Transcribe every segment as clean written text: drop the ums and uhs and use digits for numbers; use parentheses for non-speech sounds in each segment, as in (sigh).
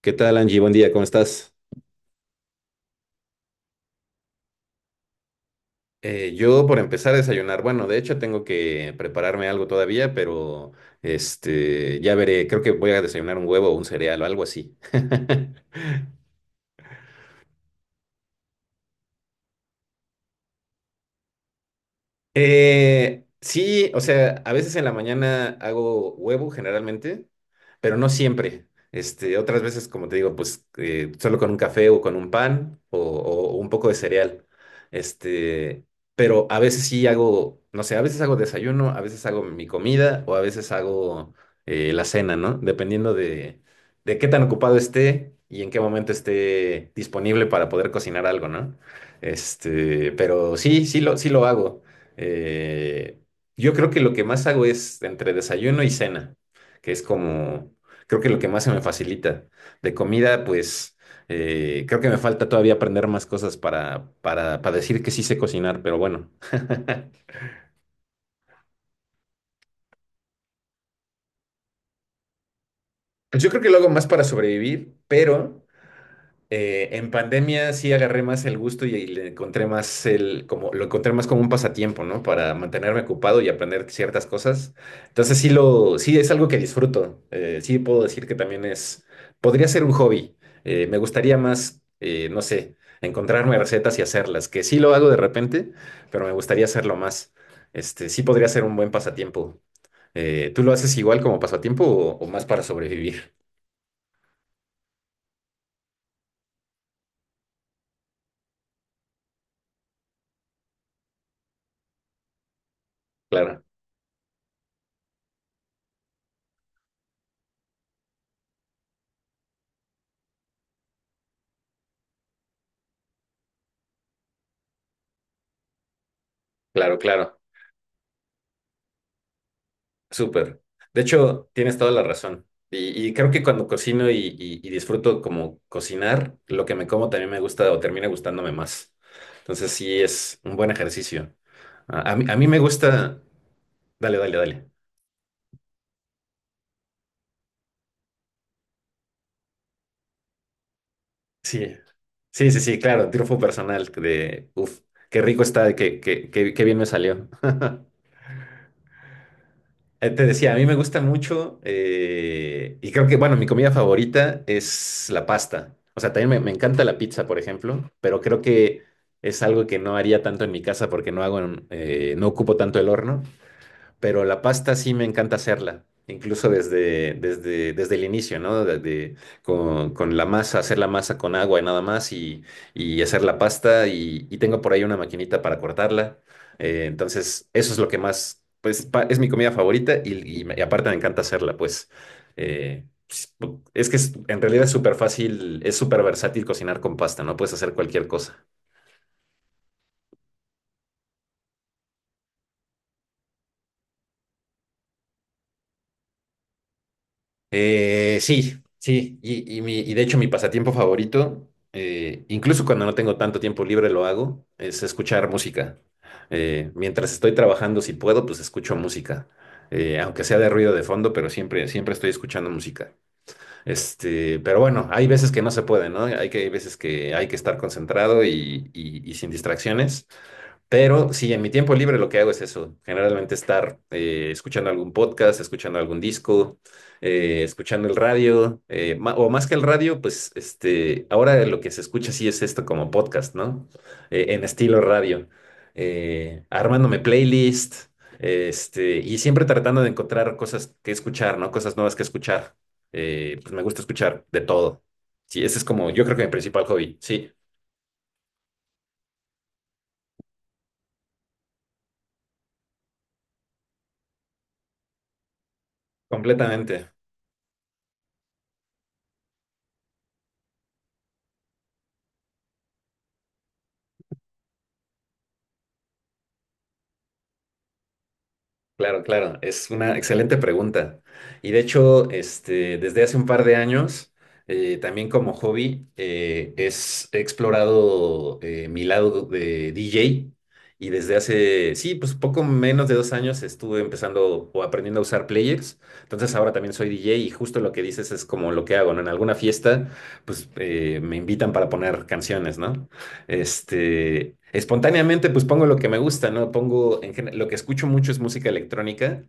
¿Qué tal, Angie? Buen día, ¿cómo estás? Yo por empezar a desayunar, bueno, de hecho tengo que prepararme algo todavía, pero ya veré, creo que voy a desayunar un huevo o un cereal o algo así. (laughs) Sí, o sea, a veces en la mañana hago huevo generalmente, pero no siempre. Otras veces, como te digo, pues solo con un café o con un pan o un poco de cereal. Este, pero a veces sí hago, no sé, a veces hago desayuno, a veces hago mi comida o a veces hago la cena, ¿no? De qué tan ocupado esté y en qué momento esté disponible para poder cocinar algo, ¿no? Pero sí, sí lo hago. Eh, yo creo que lo que más hago es entre desayuno y cena, que es como, creo que lo que más se me facilita. De comida, pues creo que me falta todavía aprender más cosas para decir que sí sé cocinar, pero bueno. Pues yo creo que lo hago más para sobrevivir, pero… En pandemia sí agarré más el gusto y le encontré más el, como, lo encontré más como un pasatiempo, ¿no? Para mantenerme ocupado y aprender ciertas cosas. Entonces sí es algo que disfruto. Sí puedo decir que también es, podría ser un hobby. Me gustaría más, no sé, encontrarme recetas y hacerlas, que sí lo hago de repente, pero me gustaría hacerlo más. Sí podría ser un buen pasatiempo. ¿Tú lo haces igual como pasatiempo o más para sobrevivir? Claro, claro, claro. Súper. De hecho, tienes toda la razón. Y creo que cuando cocino y disfruto como cocinar, lo que me como también me gusta o termina gustándome más. Entonces sí es un buen ejercicio. A mí me gusta... Dale, dale, dale. Sí. Sí, sí, sí, claro, triunfo personal de... Uf, qué rico está, qué bien me salió. (laughs) Te decía, a mí me gusta mucho y creo que, bueno, mi comida favorita es la pasta. O sea, también me encanta la pizza, por ejemplo, pero creo que es algo que no haría tanto en mi casa porque no hago, no ocupo tanto el horno, pero la pasta sí me encanta hacerla, incluso desde el inicio, ¿no? Con la masa, hacer la masa con agua y nada más y hacer la pasta y tengo por ahí una maquinita para cortarla. Entonces, eso es lo que más, pues, es mi comida favorita y, y aparte me encanta hacerla, pues. eh, pues, Es que en realidad es súper fácil, es súper versátil cocinar con pasta, ¿no? Puedes hacer cualquier cosa. Sí, sí, y mi, y de hecho mi pasatiempo favorito, incluso cuando no tengo tanto tiempo libre lo hago, es escuchar música. Mientras estoy trabajando, si puedo, pues escucho música. Aunque sea de ruido de fondo, pero siempre estoy escuchando música. Pero bueno, hay veces que no se puede, ¿no? Hay veces que hay que estar concentrado y sin distracciones. Pero sí, en mi tiempo libre lo que hago es eso, generalmente estar escuchando algún podcast, escuchando algún disco, escuchando el radio, o más que el radio, pues ahora lo que se escucha sí es esto como podcast, ¿no? En estilo radio, armándome playlist, y siempre tratando de encontrar cosas que escuchar, ¿no? Cosas nuevas que escuchar. Pues me gusta escuchar de todo. Sí, ese es como, yo creo que mi principal hobby, sí, completamente. Claro, claro, es una excelente pregunta. Y de hecho, desde hace un par de años, también como hobby, he explorado mi lado de DJ, y desde hace, sí, pues poco menos de dos años estuve empezando o aprendiendo a usar players. Entonces ahora también soy DJ, y justo lo que dices es como lo que hago, ¿no? En alguna fiesta, pues me invitan para poner canciones, ¿no? Espontáneamente, pues pongo lo que me gusta, ¿no? Pongo, lo que escucho mucho es música electrónica,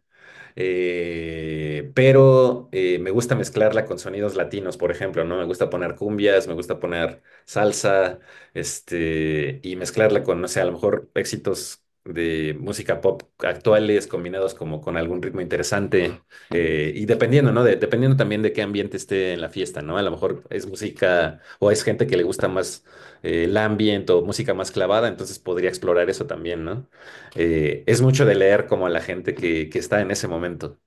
me gusta mezclarla con sonidos latinos, por ejemplo, ¿no? Me gusta poner cumbias, me gusta poner salsa, y mezclarla con, no sé, a lo mejor éxitos de música pop actuales combinados como con algún ritmo interesante, y dependiendo, ¿no? Dependiendo también de qué ambiente esté en la fiesta, ¿no? A lo mejor es música o es gente que le gusta más el ambiente o música más clavada, entonces podría explorar eso también, ¿no? Es mucho de leer como a la gente que está en ese momento.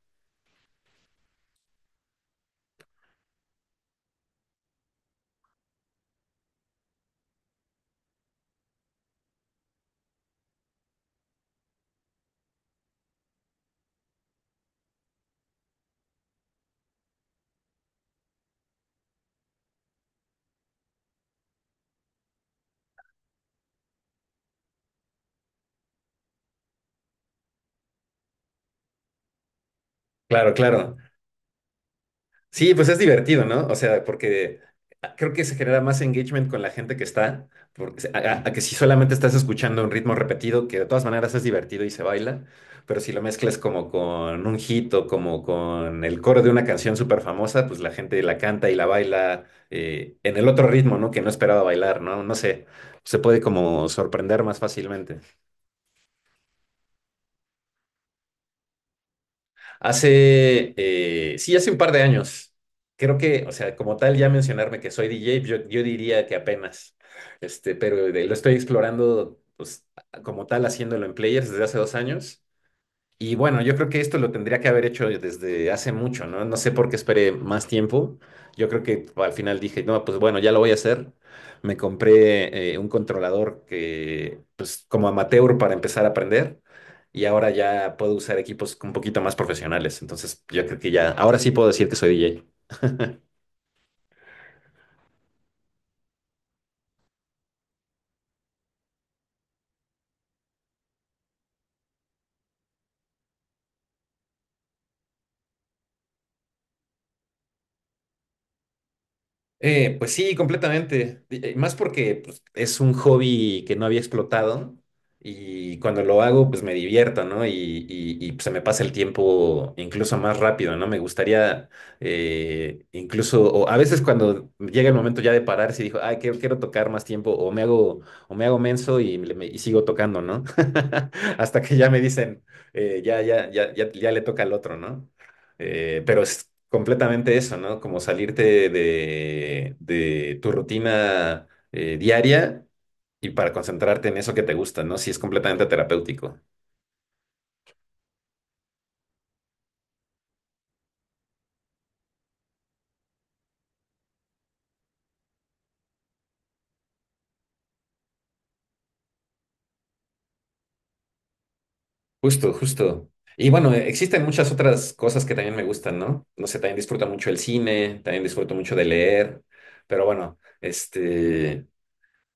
Claro, claro. Sí, pues es divertido, ¿no? O sea, porque creo que se genera más engagement con la gente que está, porque, a que si solamente estás escuchando un ritmo repetido, que de todas maneras es divertido y se baila, pero si lo mezclas como con un hit o como con el coro de una canción súper famosa, pues la gente la canta y la baila en el otro ritmo, ¿no? Que no esperaba bailar, ¿no? No sé, se puede como sorprender más fácilmente. Hace, sí, hace un par de años. Creo que, o sea, como tal, ya mencionarme que soy DJ, yo diría que apenas, lo estoy explorando, pues, como tal, haciéndolo en Players desde hace dos años. Y bueno, yo creo que esto lo tendría que haber hecho desde hace mucho, ¿no? No sé por qué esperé más tiempo. Yo creo que al final dije, no, pues bueno, ya lo voy a hacer. Me compré un controlador que, pues como amateur para empezar a aprender. Y ahora ya puedo usar equipos un poquito más profesionales. Entonces, yo creo que ya, ahora sí puedo decir que soy DJ. Pues sí, completamente. Más porque pues, es un hobby que no había explotado, y cuando lo hago, pues me divierto, ¿no? Pues, se me pasa el tiempo incluso más rápido, ¿no? Me gustaría incluso, o a veces cuando llega el momento ya de parar, si digo, ay, quiero, quiero tocar más tiempo, o me hago menso y, y sigo tocando, ¿no? (laughs) Hasta que ya me dicen, ya, ya, ya, ya, ya le toca al otro, ¿no? Pero es completamente eso, ¿no? Como salirte de tu rutina diaria, y para concentrarte en eso que te gusta, ¿no? Sí, es completamente terapéutico. Justo, justo. Y bueno, existen muchas otras cosas que también me gustan, ¿no? No sé, también disfruto mucho el cine, también disfruto mucho de leer, pero bueno, este...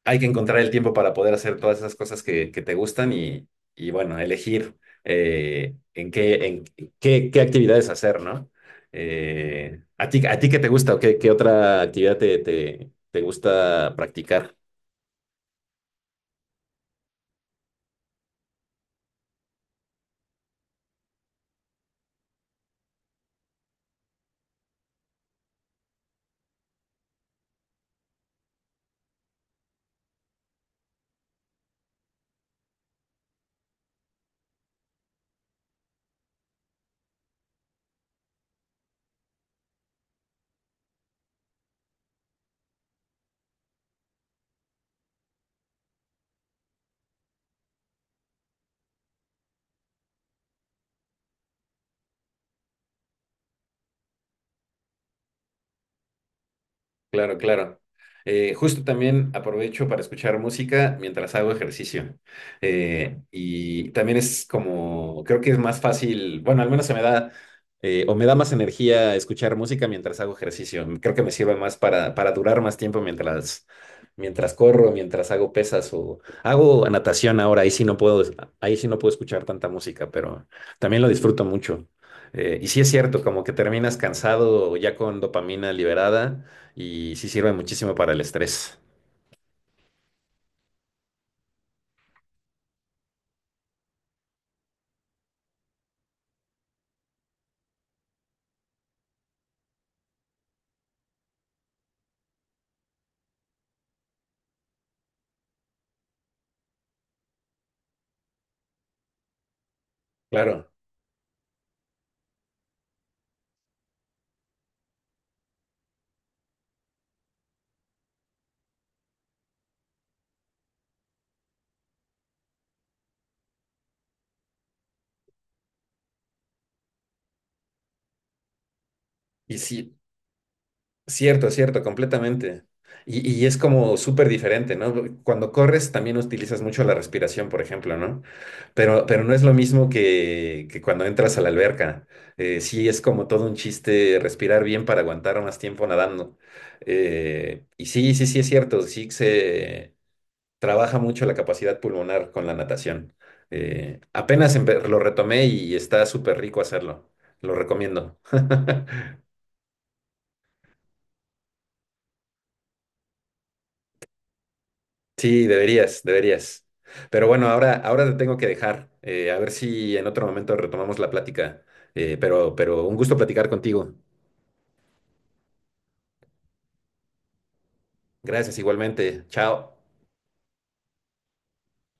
hay que encontrar el tiempo para poder hacer todas esas cosas que te gustan y, bueno, elegir en qué, qué actividades hacer, ¿no? ¿A ti, a ti qué te gusta o qué, qué otra actividad te gusta practicar? Claro, claro. Justo también aprovecho para escuchar música mientras hago ejercicio. Y también es como, creo que es más fácil, bueno, al menos se me da, o me da más energía escuchar música mientras hago ejercicio. Creo que me sirve más para durar más tiempo mientras, mientras corro, mientras hago pesas o hago natación ahora. Ahí sí no puedo, ahí sí no puedo escuchar tanta música, pero también lo disfruto mucho. Y sí es cierto, como que terminas cansado ya con dopamina liberada, y sí sirve muchísimo para el estrés. Claro, y sí, cierto, completamente. Y es como súper diferente, ¿no? Cuando corres también utilizas mucho la respiración, por ejemplo, ¿no? Pero no es lo mismo que cuando entras a la alberca. Sí, es como todo un chiste respirar bien para aguantar más tiempo nadando. Y sí, sí, sí, es cierto, sí que se... trabaja mucho la capacidad pulmonar con la natación. Apenas lo retomé y está súper rico hacerlo. Lo recomiendo. (laughs) Sí, deberías, deberías. Pero bueno, ahora, ahora te tengo que dejar. A ver si en otro momento retomamos la plática. Pero un gusto platicar contigo. Gracias igualmente. Chao.